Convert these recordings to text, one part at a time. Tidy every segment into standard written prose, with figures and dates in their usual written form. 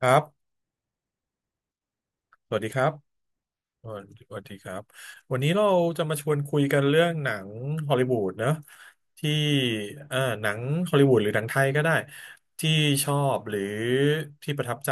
ครับ สวัสดีครับสวัสดีสวัสดีครับวันนี้เราจะมาชวนคุยกันเรื่องหนังฮอลลีวูดเนอะที่เอ่อหนังฮอลลีวูดหรือหนังไทยก็ได้ที่ชอบหรือที่ประทับใจ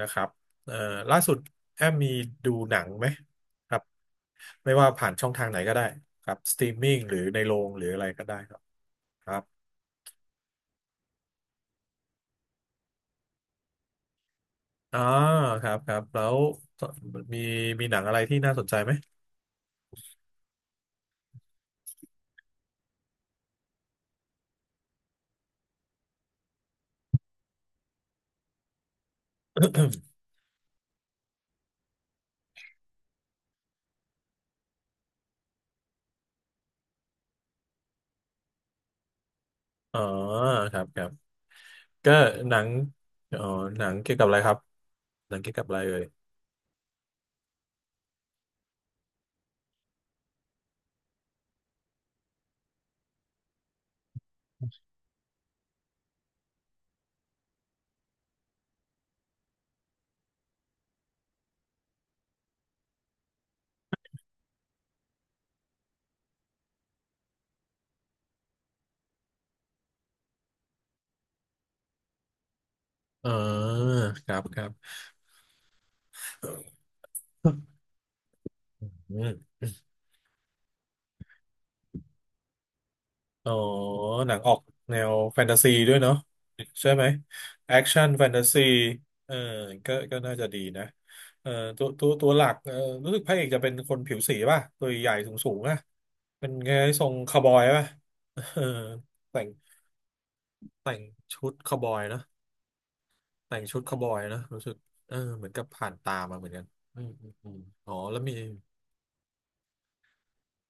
นะครับเอ่อล่าสุดแอมมีดูหนังไหมครับไม่ว่าผ่านช่องทางไหนก็ได้ครับสตรีมมิ่งหรือในโรงหรืออะไรก็ได้ครับครับอ่าครับครับ แล้วมีมีหนังอะไรที่น่าสนใจไหม อ๋อครับครับ ก็หนังเอ๋อหนังเกี่ยวกับอะไรครับหนังเกี่ยวกับอะไรเอ่ยอ่าครับครับอืมอ๋อหนังออกแนวแฟนตาซีด้วยเนาะใช่ไหมแอคชั่นแฟนตาซีเออก็น่าจะดีนะเออตัวหลักเออรู้สึกพระเอกจะเป็นคนผิวสีป่ะตัวใหญ่สูงสูงอ่ะเป็นไงทรงคาวบอยป่ะเออแต่งแต่งชุดคาวบอยนะ แต่งชุดคาวบอยนะรู้สึกเออเหมือนกับผ่านตามาเหมือนกันอมอ๋อแล้วมี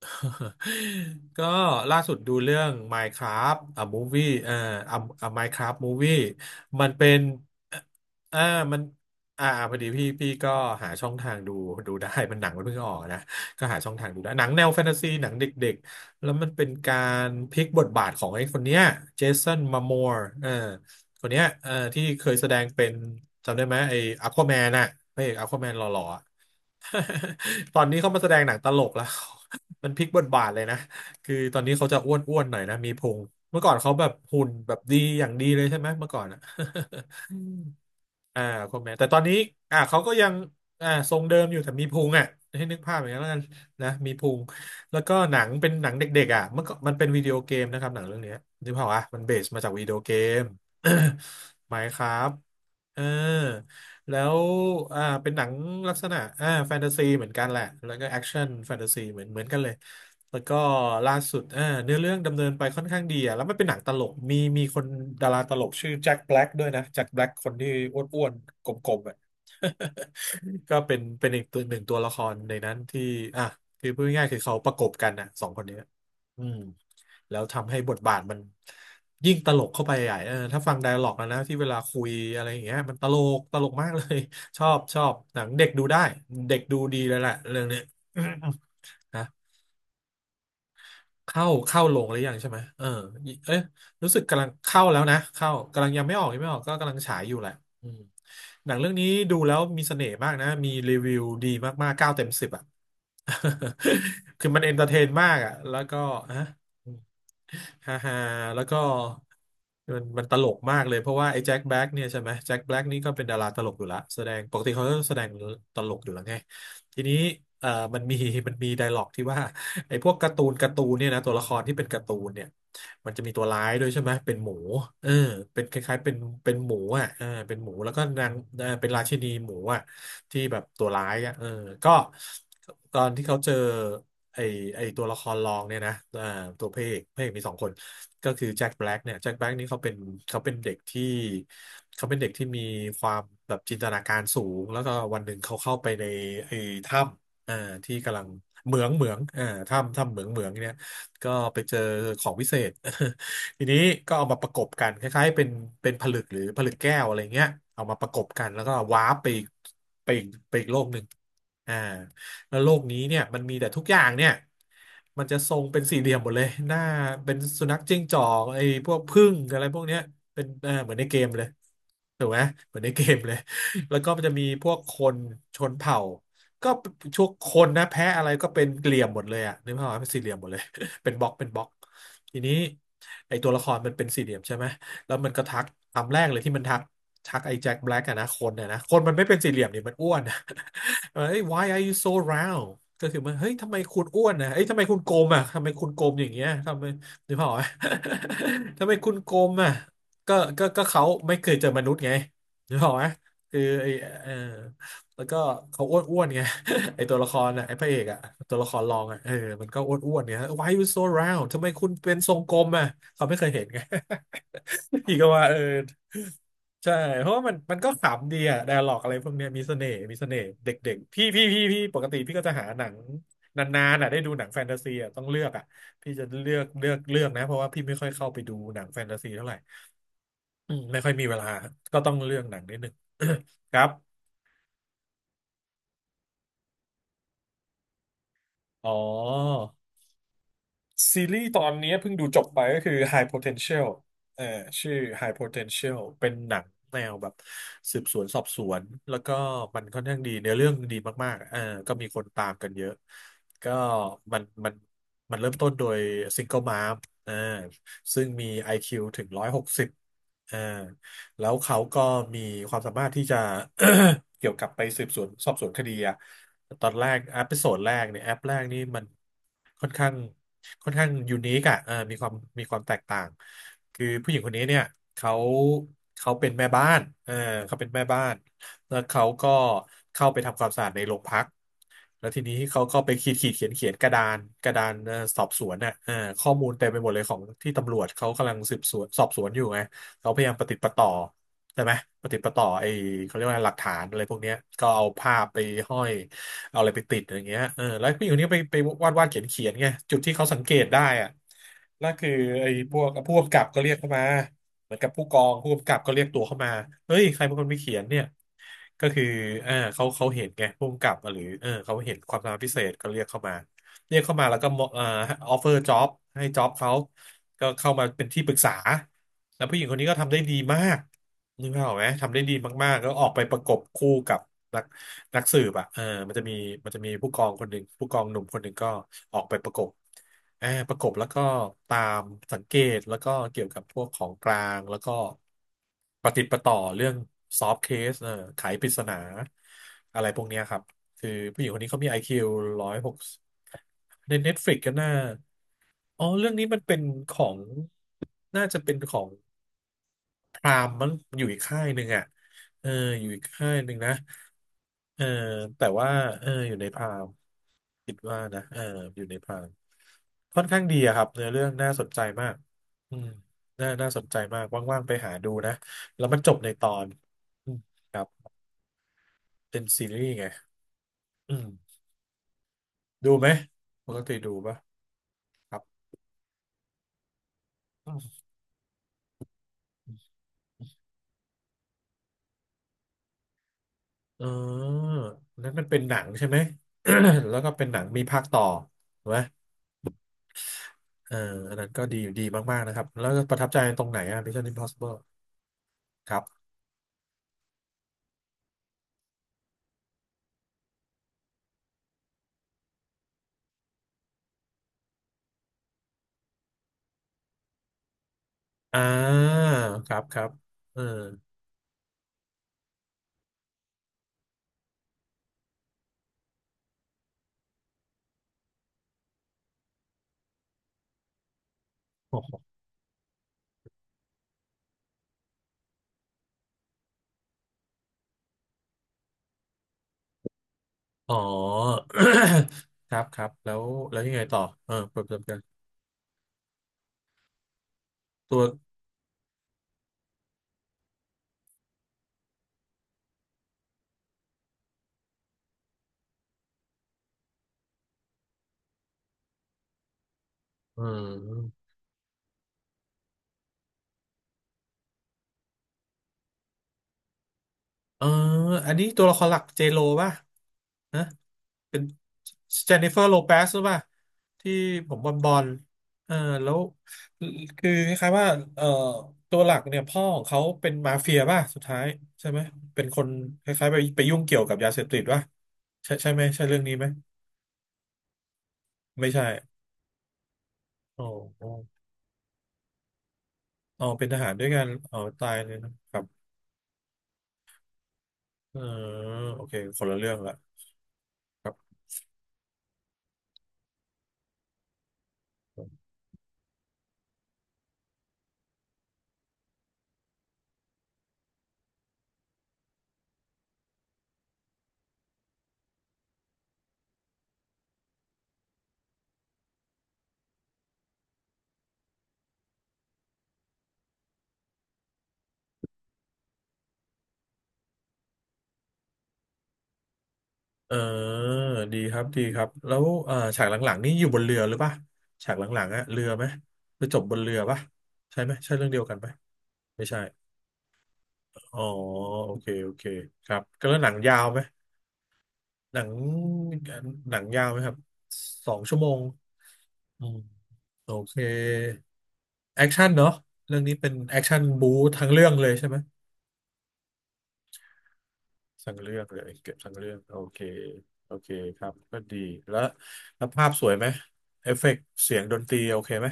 ก็ล่าสุดดูเรื่อง Minecraft a movie a a Minecraft movie มันเป็นอ่ามันอ่าพอดีพี่ก็หาช่องทางดูดูได้มันหนังมันเพิ่งออกนะก็หาช่องทางดูได้หนังแนวแฟนตาซีหนังเด็กๆแล้วมันเป็นการพลิกบทบาทของไอ้คนเนี้ยเจสันมามอร์เออคนเนี้ยเออที่เคยแสดงเป็นจำได้ไหมไอ้อควาแมนน่ะพระเอกอควาแมนหล่อๆ ตอนนี้เขามาแสดงหนังตลกแล้ว มันพลิกบทบาทเลยนะคือตอนนี้เขาจะอ้วนหน่อยนะมีพุงเมื่อก่อนเขาแบบหุ่นแบบดีอย่างดีเลยใช่ไหมเมื่อก่อนอะ อืมอ่าคนแม่แต่ตอนนี้เขาก็ยังทรงเดิมอยู่แต่มีพุงอ่ะให้นึกภาพอย่างนั้นแล้วกันนะมีพุง แล้วก็หนังเป็นหนังเด็กๆอ่ะเมื่อก่อนมันเป็นวิดีโอเกมนะครับหนังเรื่องเนี้ยนึกภาพอ่ะมันเบสมาจากวิดีโอเกม ไหมครับเออ แล้วเป็นหนังลักษณะแฟนตาซีเหมือนกันแหละแล้วก็แอคชั่นแฟนตาซีเหมือนกันเลยแล้วก็ล่าสุดเนื้อเรื่องดำเนินไปค่อนข้างดีอะแล้วมันเป็นหนังตลกมีคนดาราตลกชื่อแจ็คแบล็กด้วยนะแจ็คแบล็กคนที่อ้วนๆกลมๆอะ ก็เป็นอีกตัวหนึ่งตัวละครในนั้นที่อ่ะคือพูดง่ายๆคือเขาประกบกันนะสองคนเนี้ยอืม แล้วทำให้บทบาทมันยิ่งตลกเข้าไปใหญ่เออถ้าฟังไดอะล็อกนะที่เวลาคุยอะไรอย่างเงี้ยมันตลกมากเลย ชอบหนังเด็กดูได้เด็กดูดีเลยแหละเรื่องเนี้ย นะ เข้าลงหรือยังใช่ไหมเออเอ๊ะรู้สึกกำลังเข้าแล้วนะเข้ากำลังยังไม่ออกก็กำลังฉายอยู่แหละอืมหนังเรื่องนี้ดูแล้วมีเสน่ห์มากนะมีรีวิวดีมากๆ9 เต็ม 10อ่ะ คือมันเอนเตอร์เทนมากอ่ะแล้วก็ฮะอืมฮ่าฮ่าแล้วก็มันตลกมากเลยเพราะว่าไอ้แจ็คแบล็กเนี่ยใช่ไหมแจ็คแบล็กนี่ก็เป็นดาราตลกอยู่ละแสดงปกติเขาก็แสดงตลกอยู่แล้วไงทีนี้เอ่อมันมีมันมีไดร็อกที่ว่า ไอ้พวกการ์ตูนเนี่ยนะตัวละครที่เป็นการ์ตูนเนี่ยมันจะมีตัวร้ายด้วยใช่ไหมเป็นหมูเออเป็นคล้ายๆเป็นหมูอ่ะเออเป็นหมูแล้วก็นางเออเป็นราชินีหมูอ่ะที่แบบตัวร้ายอ่ะเออก็ตอนที่เขาเจอไอ้ไอ้ตัวละครรองเนี่ยนะเอ่าตัวพระเอกมีสองคนก็คือแจ็คแบล็กเนี่ยแจ็คแบล็กนี่เขาเป็นเด็กที่เขาเป็นเด็กที่มีความแบบจินตนาการสูงแล้วก็วันหนึ่งเขาเข้าไปในไอ้ถ้ำเอ่าที่กำลัง เหมืองอ่าถ้ำเหมืองเหมืองเนี่ยก็ไปเจอของวิเศษ ทีนี้ก็เอามาประกบกันคล้ายๆเป็นเป็นผลึกหรือผลึกแก้วอะไรเงี้ยเอามาประกบกัน แล้วก็วาร์ปไปอีกไปอีกโลกหนึ่งอ่าแล้วโลกนี้เนี่ยมันมีแต่ทุกอย่างเนี่ยมันจะทรงเป็นสี่เหลี่ยมหมดเลย หน้าเป็นสุนัขจิ้งจอกไอ้พวกผึ้งอะไรพวกเนี้ยเป็นเออเหมือนในเกมเลยถูกไหม เหมือนในเกมเลย แล้วก็มันจะมีพวกคนชนเผ่า ก็ทุกคนนะแพ้อะไรก็เป็นเหลี่ยมหมดเลยอะนึกภาพว่าเป็นสี่เหลี่ยมหมดเลย เป็นบล็อกเป็นบล็อกทีนี้ไอตัวละครมันเป็นสี่เหลี่ยมใช่ไหมแล้วมันก็ทักคำแรกเลยที่มันทักทักไอ้แจ็คแบล็กอะนะคนอะนะคนมันไม่เป็นสี่เหลี่ยมนี่มันอ้วนอะ เอ้ย why are you so round ก็คือมันเฮ้ยทำไมคุณอ้วนนะเอ้ยทำไมคุณโกลมอะทำไมคุณโกลมอย่างเงี้ยทำไมนึกภาพว่า ทำไมคุณโกลมอะก็เขาไม่เคยเจอมนุษย์ไงนึกภาพว่าคือไอเออ แล้วก็เขาอ้วนอ้วนไง ไอตัวละครอ่ะไอพระเอกอะตัวละครรองอะมันก็อ้วนอ้วนเนี่ย Why you so round ทำไมคุณเป็นทรงกลมอะเขาไม่เคยเห็นไง อีกก็ว่าใช่เพราะว่ามันก็ขำดีอะไดอะล็อกอะไรพวกเนี้ยมีเสน่ห์มีเสน่ห์เด็กๆพี่ปกติพี่ก็จะหาหนังนานๆอะได้ดูหนังแฟนตาซีอะต้องเลือกอะพี่จะเลือกนะเพราะว่าพี่ไม่ค่อยเข้าไปดูหนังแฟนตาซีเท่าไหร่อืมไม่ค่อยมีเวลาก็ต้องเลือกหนังนิดหนึ่ง ครับอ๋อ ซีรีส์ตอนนี้เพิ่งดูจบไปก็คือ High Potential เอ่อชื่อ High Potential เป็นหนังแนวแบบสืบสวนสอบสวนแล้วก็มันค่อนข้างดีเนื้อเรื่องดีมากๆก็มีคนตามกันเยอะก็มันมันมันเริ่มต้นโดยซิงเกิลม เออซึ่งมี IQ ถึง160เออ แล้วเขาก็มีความสามารถที่จะ เกี่ยวกับไปสืบสวนสอบสวนคดีอะตอนแรกแอปโซดแรกเนี่ยแอปแรกนี่มันค่อนข้างค่อนข้างยูนิคอะมีความมีความแตกต่างคือผู้หญิงคนนี้เนี่ยเขาเขาเป็นแม่บ้านเขาเป็นแม่บ้านแล้วเขาก็เข้าไปทำความสะอาดในโรงพักแล้วทีนี้เขาก็ไปขีดขีดเขียนเขียนกระดานกระดานสอบสวนน่ะข้อมูลเต็มไปหมดเลยของที่ตำรวจเขากำลังสืบสวนสอบสวนอยู่ไง เขาพยายามประติดประต่อใช่ไหมประติดประต่อไอ้เขาเรียกว่าหลักฐานอะไรพวกเนี้ยก็เอาภาพไปห้อยเอาอะไรไปติดอย่างเงี้ยแล้วผู้หญิงคนนี้ไปไปวาดวาดเขียนเขียนไงจุดที่เขาสังเกตได้อะนั่นคือไอ้พวกผู้กำกับก็เรียกเข้ามาเหมือนกับผู้กองผู้กำกับก็เรียกตัวเข้ามาเฮ้ยใครเป็นคนไปเขียนเนี่ยก็คือเขาเห็นไงผู้กำกับหรือเขาเห็นความสามารถพิเศษก็เรียกเข้ามาเรียกเข้ามาแล้วก็มอออฟเฟอร์จ็อบให้จ็อบเขาก็เข้ามาเป็นที่ปรึกษา แล้วผู้หญิงคนนี้ก็ทำได้ดีมากนึกภาพออกไหมทำได้ดีมากๆแล้วออกไปประกบคู่กับนักนักสืบอ่ะมันจะมีมันจะมีผู้กองคนหนึ่งผู้กองหนุ่มคนหนึ่งก็ออกไปประกบอ่าประกบแล้วก็ตามสังเกตแล้วก็เกี่ยวกับพวกของกลางแล้วก็ปฏิดประต่อเรื่องซอฟ t ์เคสไขปริศนาอะไรพวกเนี้ยครับคือผู้หญิงคนนี้เขามี IQ ร้อยหกใน Netflix ก็น่าอ๋อเรื่องนี้มันเป็นของ น่าจะเป็นของ พรามมันอยู่อีกค่ายหนึ่งอ่ะเอออยู่อีกค่ายหนึ่งนะเออแต่ว่าอยู่ในพรามคิดว่านะอยู่ในพรามค่อนข้างดีอะครับเนื้อเรื่องน่าสนใจมากอืมน่าสนใจมากว่างๆไปหาดูนะแล้วมันจบในตอนอืมครับเป็นซีรีส์ไงอืมดูไหมปกติดูปะครับอืมเออนั้นมันเป็นหนังใช่ไหม แล้วก็เป็นหนังมีภาคต่อถูกไหม เอออันนั้นก็ดีดีมากๆนะครับ แล้วก็ประทับใจตรงไหนอ่ะ Mission Impossible ครับ อ่าครับครับเออโอ้โหอ๋อ ครับครับแล้วแล้วยังไงต่อเปิดเปิดกันตัวเออเอออันนี้ตัวละครหลักเจโลป่ะนะ เป็นเจนนิเฟอร์โลเปซหรือเปล่าที่ผมบอลบอลเออแล้วคือคล้ายๆว่าเออตัวหลักเนี่ยพ่อของเขาเป็นมาเฟียป่ะสุดท้ายใช่ไหมเป็นคนคล้ายๆไปไปยุ่งเกี่ยวกับยาเสพติดป่ะใช่ใช่ไหมใช่เรื่องนี้ไหมไม่ใช่โอ้โอ้อ๋อเป็นทหารด้วยกันอ๋อตายเลยนะครับเออโอเคคนละเรื่องละครับ เออดีครับดีครับแล้วฉากหลังๆนี่อยู่บนเรือหรือปะฉากหลังๆอะเรือไหมไปจบบนเรือปะใช่ไหมใช่เรื่องเดียวกันไหมไม่ใช่อ๋อโอเคโอเคครับก็แล้วหนังยาวไหมหนังหนังยาวไหมครับ2 ชั่วโมงอืมโอเคแอคชั่นเนาะเรื่องนี้เป็นแอคชั่นบู๊ทั้งเรื่องเลยใช่ไหม ทั้งเรื่องเลยเก็บทั้งเรื่องโอเคโอเคครับก็ดีแล้วภาพสวยไหมเอฟเฟกต์เสียงดนตรีโอเคไหม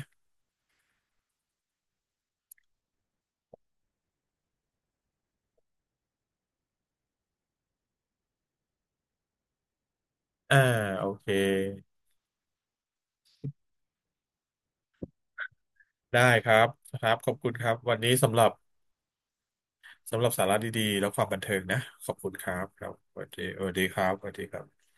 อ่าโอเคได้ครับครับขอบคุณครับวันนี้สำหรับสาระดีๆแล้วความบันเทิงนะขอบคุณครับครับสวัสดีสวัสดีครับสวัสดีครับ